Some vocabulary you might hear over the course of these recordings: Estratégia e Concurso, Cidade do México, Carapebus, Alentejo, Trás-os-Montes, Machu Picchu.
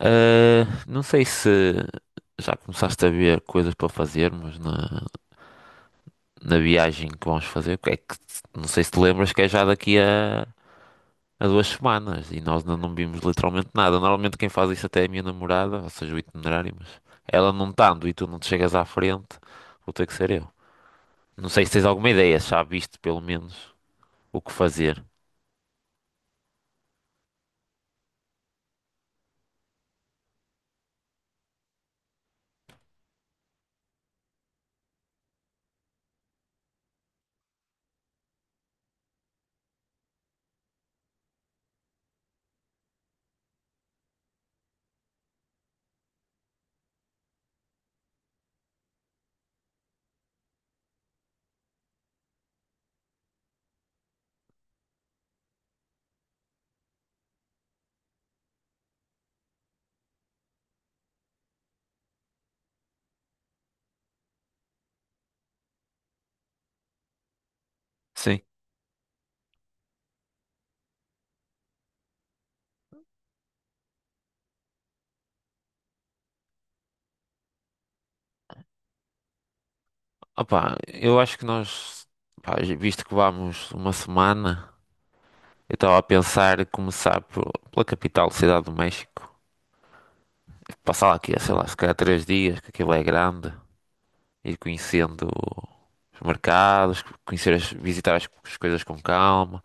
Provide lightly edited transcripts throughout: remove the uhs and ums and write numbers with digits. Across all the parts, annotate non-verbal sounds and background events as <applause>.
Ah, não sei se já começaste a ver coisas para fazermos na viagem que vamos fazer. Que É que, não sei se te lembras que é já daqui a duas semanas e nós ainda não vimos literalmente nada. Normalmente quem faz isso até é a minha namorada, ou seja, o itinerário, mas ela não estando e tu não te chegas à frente, vou ter que ser eu. Não sei se tens alguma ideia, se já viste pelo menos o que fazer. Sim. Opá, eu acho que nós, pá, visto que vamos uma semana. Eu estava a pensar em começar pela capital, Cidade do México. Passar lá aqui, sei lá, se calhar três dias, que aquilo é grande. Ir conhecendo os mercados, visitar as coisas com calma.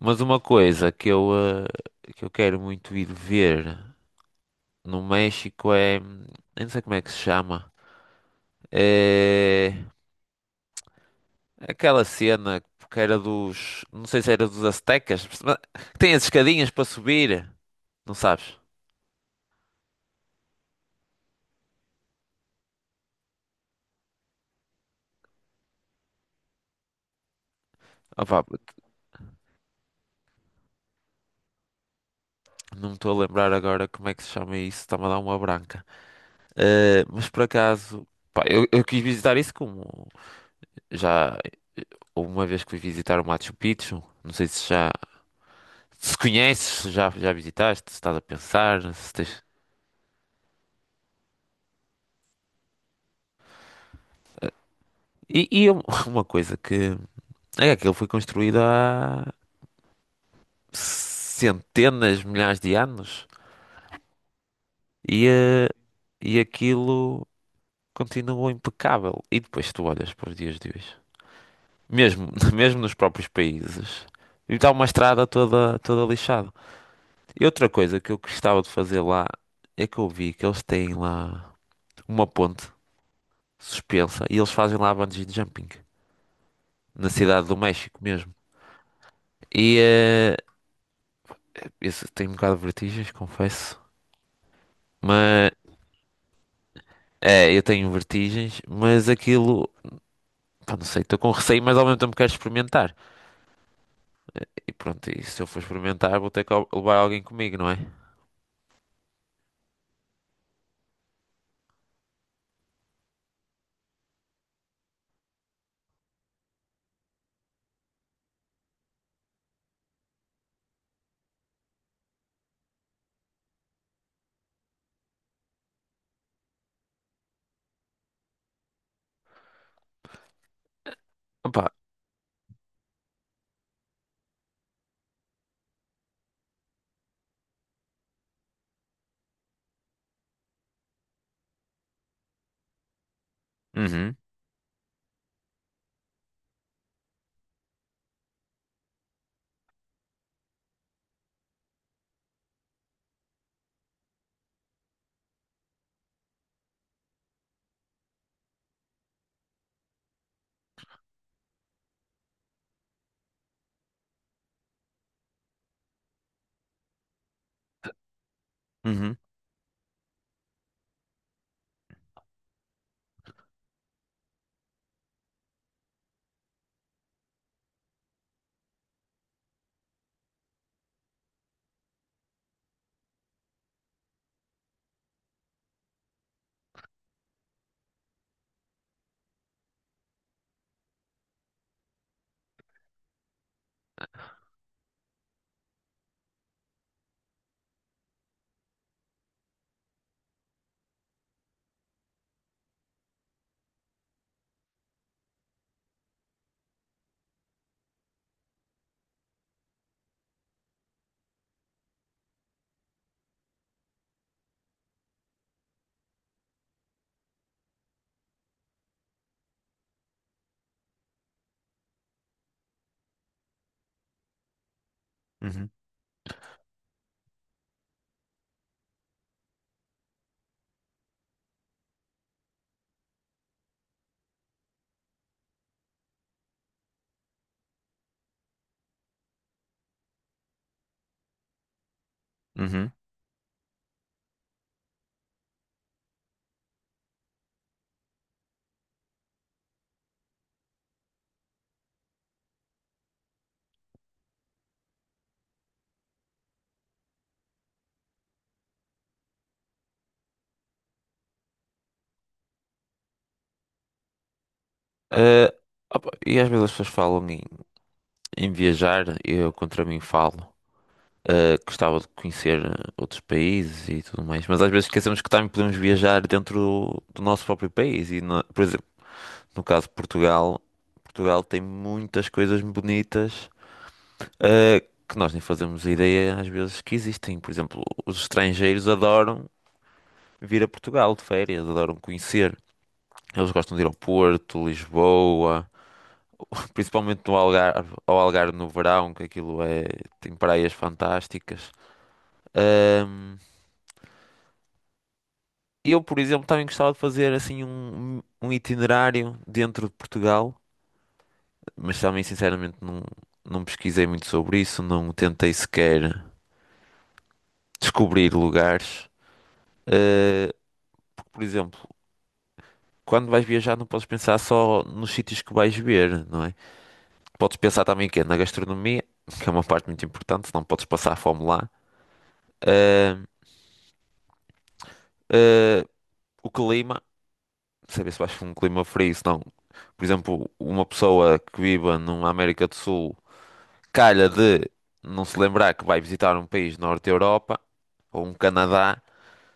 Mas uma coisa que eu quero muito ir ver no México é... Eu não sei como é que se chama. É... Aquela cena. Não sei se era dos aztecas, mas que tem as escadinhas para subir. Não sabes? Opa, não me estou a lembrar agora como é que se chama isso, está-me a dar uma branca. Eh, mas por acaso, pá, eu quis visitar isso como já uma vez que fui visitar o Machu Picchu, não sei se já se conheces, se já visitaste, se estás a pensar, se tens. E, e um- <laughs> uma coisa que é que aquilo foi construído há centenas, milhares de anos e, eh, e aquilo continua impecável. E depois tu olhas para os dias de hoje. Mesmo, <laughs> mesmo nos próprios países. E está uma estrada toda lixada. E outra coisa que eu gostava de fazer lá é que eu vi que eles têm lá uma ponte suspensa e eles fazem lá bungee jumping. Na cidade do México mesmo. E eh, isso tem um bocado de vertigens, confesso. Mas é, eu tenho vertigens, mas aquilo, pá, não sei, estou com receio, mas ao mesmo tempo quero experimentar. E pronto, e se eu for experimentar, vou ter que levar alguém comigo, não é? Opa, uhum, uhum, uhum. Uhum. Eh, opa, e às vezes as pessoas falam em viajar, e eu contra mim falo. Gostava de conhecer outros países e tudo mais, mas às vezes esquecemos que também podemos viajar dentro do nosso próprio país. E, por exemplo, no caso de Portugal, Portugal tem muitas coisas bonitas, eh, que nós nem fazemos ideia às vezes que existem. Por exemplo, os estrangeiros adoram vir a Portugal de férias, adoram conhecer. Eles gostam de ir ao Porto, Lisboa, principalmente ao Algarve no verão, que aquilo é, tem praias fantásticas. Ahm, eu, por exemplo, também gostava de fazer assim um itinerário dentro de Portugal, mas também sinceramente não pesquisei muito sobre isso, não tentei sequer descobrir lugares. Ah, Porque, por exemplo, quando vais viajar não podes pensar só nos sítios que vais ver, não é? Podes pensar também que é na gastronomia, que é uma parte muito importante, não podes passar fome lá. Ah, ah, O clima, saber se vais para um clima frio, se não. Por exemplo, uma pessoa que viva numa América do Sul calha de não se lembrar que vai visitar um país do norte da Europa ou um Canadá,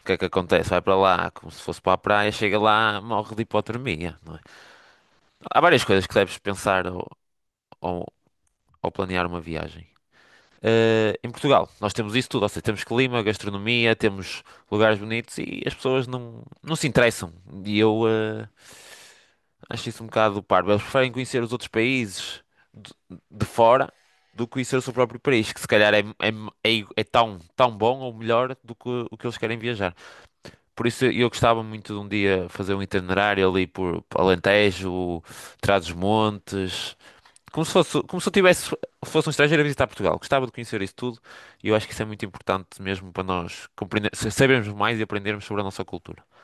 o que é que acontece? Vai para lá como se fosse para a praia, chega lá, morre de hipotermia, não é? Há várias coisas que deves pensar ao- ao planear uma viagem. Em Portugal, nós temos isso tudo, ou seja, temos clima, gastronomia, temos lugares bonitos e as pessoas não se interessam. E eu, eh, Acho isso um bocado parvo. Eles preferem conhecer os outros países de, de fora do que conhecer o seu próprio país, que se calhar é tão bom ou melhor do que o que eles querem viajar. Por isso eu gostava muito de um dia fazer um itinerário ali por Alentejo, Trás-os-Montes, como se eu fosse um estrangeiro a visitar Portugal. Gostava de conhecer isso tudo e eu acho que isso é muito importante mesmo para nós compreender, sabermos mais e aprendermos sobre a nossa cultura.